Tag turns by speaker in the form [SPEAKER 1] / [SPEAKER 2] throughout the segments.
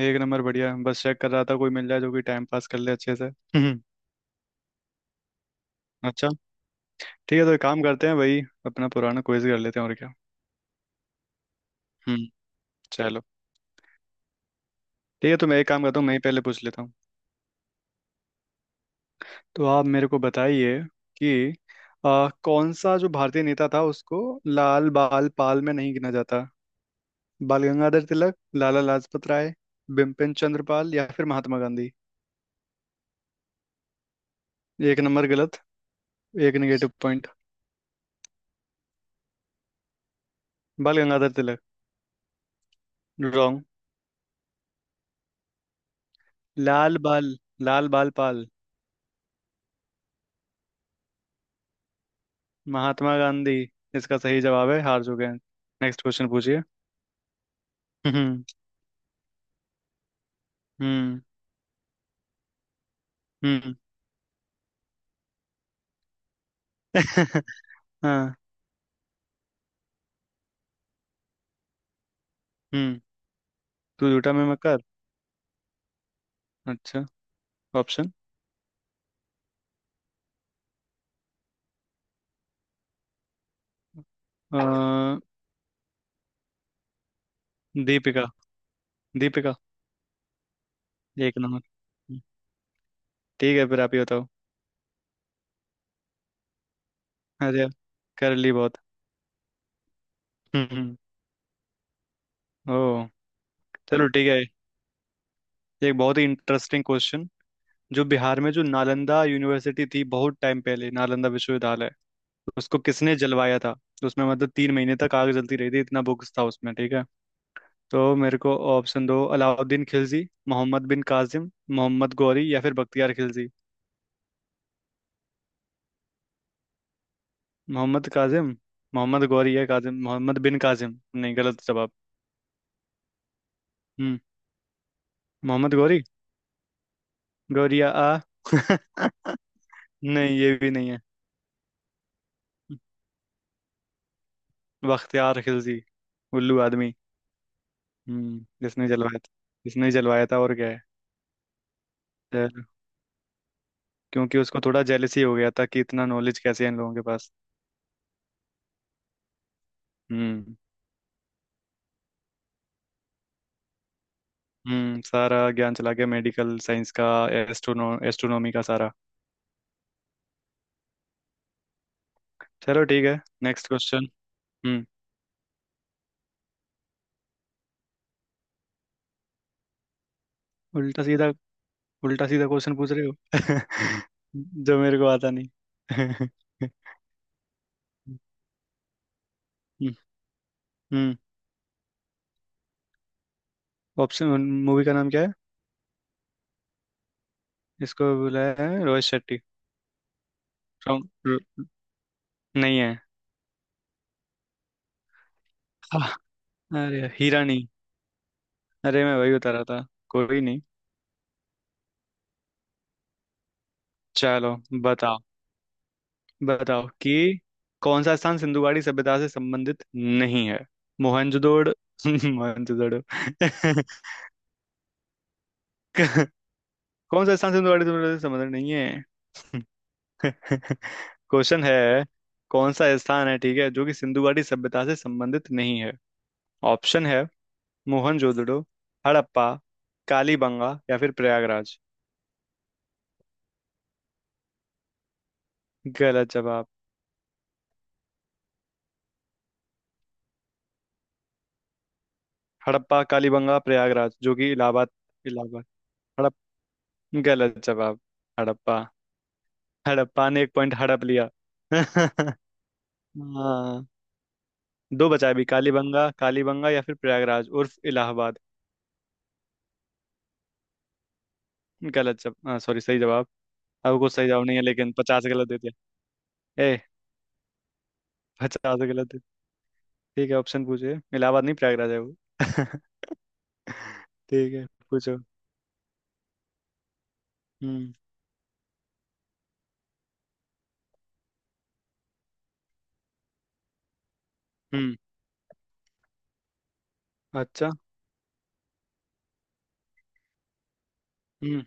[SPEAKER 1] एक नंबर बढ़िया। बस चेक कर रहा था कोई मिल जाए जो कि टाइम पास कर ले अच्छे से। हम्म। अच्छा। ठीक है, तो एक काम करते हैं भाई, अपना पुराना क्विज कर लेते हैं और क्या। हम्म। चलो ठीक है, तो मैं एक काम करता हूँ। मैं ही पहले पूछ लेता हूँ। तो आप मेरे को बताइए कि कौन सा जो भारतीय नेता था उसको लाल बाल पाल में नहीं गिना जाता। बाल गंगाधर तिलक, लाला लाजपत राय, बिपिन चंद्र पाल या फिर महात्मा गांधी। एक नंबर गलत। 1 negative point. Bal Gangadhar Tilak, wrong. Lal Bal Lal Bal Pal. Mahatma Gandhi, इसका सही जवाब है। हार चुके हैं। नेक्स्ट क्वेश्चन पूछिए। हम्म। हम्म। हम्म। हाँ। हम्म। तू झूठा मैं मक्कार। अच्छा। ऑप्शन दीपिका, दीपिका। एक नंबर। ठीक है, फिर आप ही बताओ। अरे कर ली बहुत। हम्म। ओ। चलो ठीक है। एक बहुत ही इंटरेस्टिंग क्वेश्चन। जो बिहार में जो नालंदा यूनिवर्सिटी थी बहुत टाइम पहले, नालंदा विश्वविद्यालय उसको किसने जलवाया था। तो उसमें मतलब 3 महीने तक आग जलती रही थी, इतना बुक्स था उसमें। ठीक है। तो मेरे को ऑप्शन दो। अलाउद्दीन खिलजी, मोहम्मद बिन कासिम, मोहम्मद गौरी या फिर बख्तियार खिलजी। मोहम्मद कासिम, मोहम्मद गौरी या कासिम, मोहम्मद बिन कासिम, नहीं गलत जवाब। हम्म। मोहम्मद गौरी। गौरिया आ नहीं, ये भी नहीं है। बख्तियार खिलजी, उल्लू आदमी। हम्म। जिसने जलवाया था। जिसने जलवाया था और क्या है। अ, क्योंकि उसको थोड़ा जेलसी हो गया था कि इतना नॉलेज कैसे है इन लोगों के पास। हम्म। हम्म। सारा ज्ञान चला गया मेडिकल साइंस का। एस्ट्रोनो एस्ट्रोनॉमी का सारा। चलो ठीक है। Next question. हम्म। उल्टा सीधा उल्टा सीधा क्वेश्चन पूछ रहे हो। जो मेरे को आता नहीं। हम्म। ऑप्शन मूवी का नाम क्या है। इसको बोला है रोहित शेट्टी। रॉन्ग। नहीं है। हाँ, अरे हीरा नहीं। अरे मैं वही बता रहा था, कोई नहीं। चलो। बताओ। बताओ कि कौन सा स्थान सिंधुगाड़ी सभ्यता से संबंधित नहीं है। मोहनजोदड़ो। मोहनजोदड़ो। कौन सा स्थान सिंधुगाड़ी सभ्यता से संबंधित नहीं है। क्वेश्चन है। कौन सा स्थान है, ठीक है, जो कि सिंधुगाड़ी सभ्यता से संबंधित नहीं है। ऑप्शन है। मोहनजोदड़ो, हड़प्पा, कालीबंगा या फिर प्रयागराज। गलत जवाब। हड़प्पा, कालीबंगा, प्रयागराज जो कि इलाहाबाद, इलाहाबाद। हड़प गलत जवाब। हड़प्पा। हड़प्पा ने 1 पॉइंट हड़प लिया। हाँ। दो बचा अभी। कालीबंगा कालीबंगा या फिर प्रयागराज उर्फ इलाहाबाद। गलत जवाब, सॉरी सही जवाब। अब कुछ सही जवाब नहीं है लेकिन पचास गलत दे दिया। ए पचास गलत दे। ठीक है, ऑप्शन पूछिए। इलाहाबाद नहीं, प्रयागराज है वो। ठीक है, पूछो। हम्म। हम्म। अच्छा। हम्म।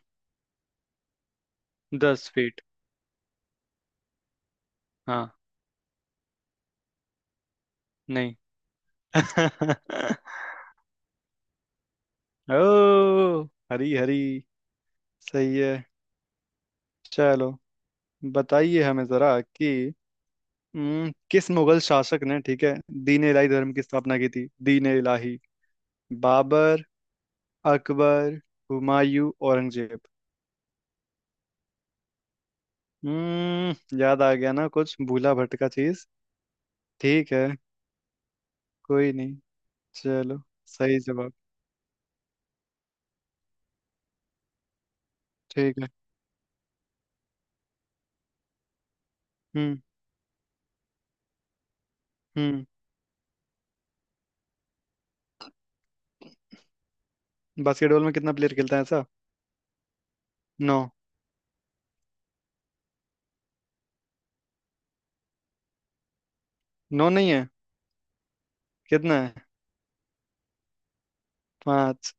[SPEAKER 1] 10 फीट। हाँ। नहीं। ओ। हरी हरी, सही है। चलो, बताइए हमें जरा कि किस मुगल शासक ने, ठीक है, दीन इलाही धर्म की स्थापना की थी, दीन इलाही। बाबर, अकबर, हुमायूं, औरंगजेब। हम्म। याद आ गया ना कुछ भूला भटका चीज। ठीक है, कोई नहीं। चलो। सही जवाब। ठीक है। हम्म। हम्म। बास्केटबॉल में कितना प्लेयर खेलता है ऐसा। नौ। नौ नहीं है। कितना है? पांच।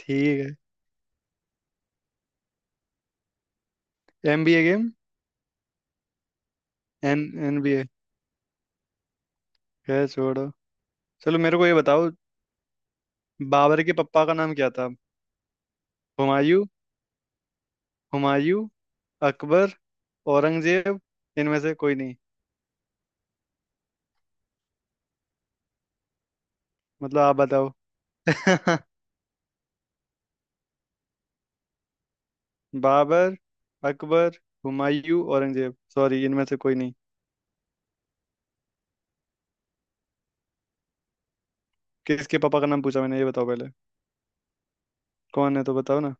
[SPEAKER 1] ठीक है। NBA game. एन एनबीए है, छोड़ो। चलो, मेरे को ये बताओ, बाबर के पप्पा का नाम क्या था। हुमायूं हुमायूं, अकबर, औरंगजेब, इनमें से कोई नहीं। मतलब आप बताओ। बाबर, अकबर, हुमायूं, औरंगजेब, सॉरी इनमें से कोई नहीं। किसके पापा का नाम पूछा मैंने, ये बताओ पहले। कौन है तो बताओ ना।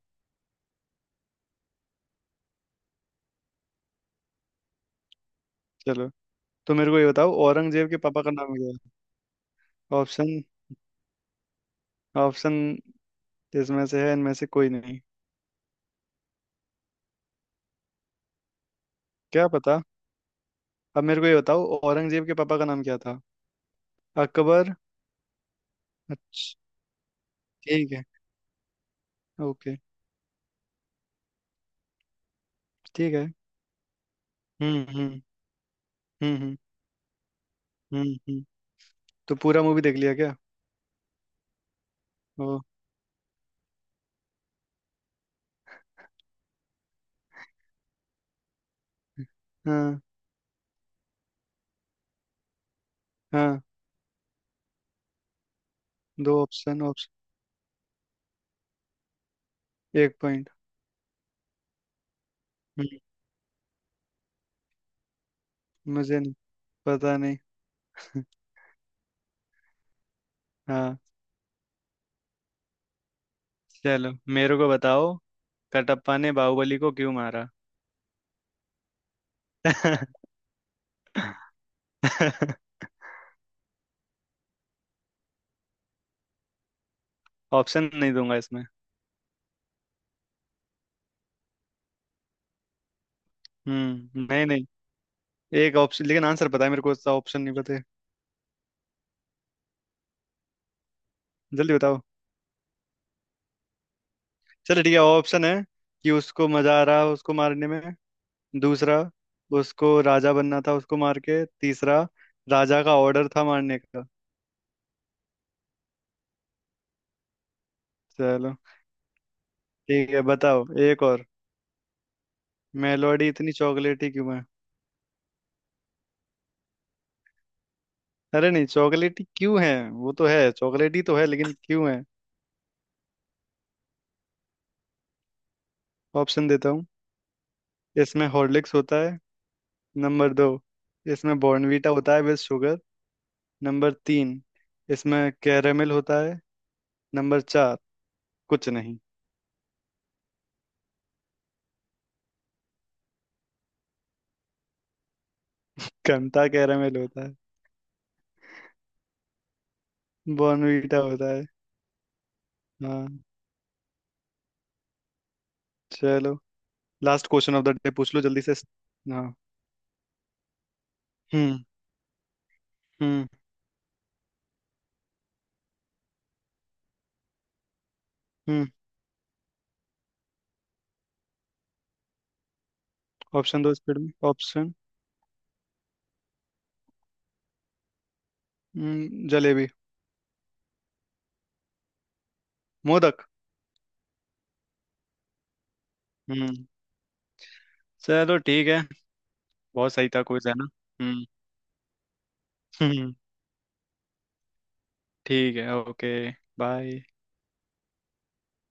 [SPEAKER 1] चलो, तो मेरे को ये बताओ औरंगजेब के पापा का नाम क्या है ऑप्शन। ऑप्शन इसमें से है इनमें से कोई नहीं। क्या पता। अब मेरे को ये बताओ औरंगजेब के पापा का नाम क्या था। अकबर। अच्छा। ठीक है, ओके। ठीक है। हम्म। हम्म। हम्म। हम्म। हम्म। हम्म। तो पूरा मूवी देख लिया क्या? ओ। हाँ, हाँ। दो ऑप्शन, 1 पॉइंट, मुझे नहीं। पता नहीं। हाँ। चलो, मेरे को बताओ, कटप्पा ने बाहुबली को क्यों मारा? ऑप्शन नहीं दूंगा इसमें। हम्म। नहीं, नहीं, एक ऑप्शन लेकिन आंसर पता है मेरे को, उसका ऑप्शन नहीं पता है। जल्दी बताओ। चलो ठीक है, ऑप्शन है कि उसको मजा आ रहा उसको मारने में। दूसरा, उसको राजा बनना था उसको मार के। तीसरा, राजा का ऑर्डर था मारने का। चलो ठीक है, बताओ एक और। मेलोडी इतनी चॉकलेटी क्यों? अरे नहीं, चॉकलेटी क्यों है, वो तो है चॉकलेटी, तो है लेकिन क्यों है। ऑप्शन देता हूँ। इसमें हॉर्लिक्स होता है। नंबर 2, इसमें बॉर्नवीटा होता है विद शुगर। नंबर 3, इसमें कैरेमल होता है। नंबर 4, कुछ नहीं। कंता कैरेमल होता है? बॉर्नवीटा होता है। हाँ। चलो। Last question of the day पूछ लो जल्दी से। हाँ। हम्म। हम्म। हम्म। ऑप्शन दो स्पीड में, ऑप्शन। जलेबी। मोदक। हम्म। चलो ठीक है। बहुत सही था क्विज है ना। हम्म। हम्म। ठीक है, ओके। बाय।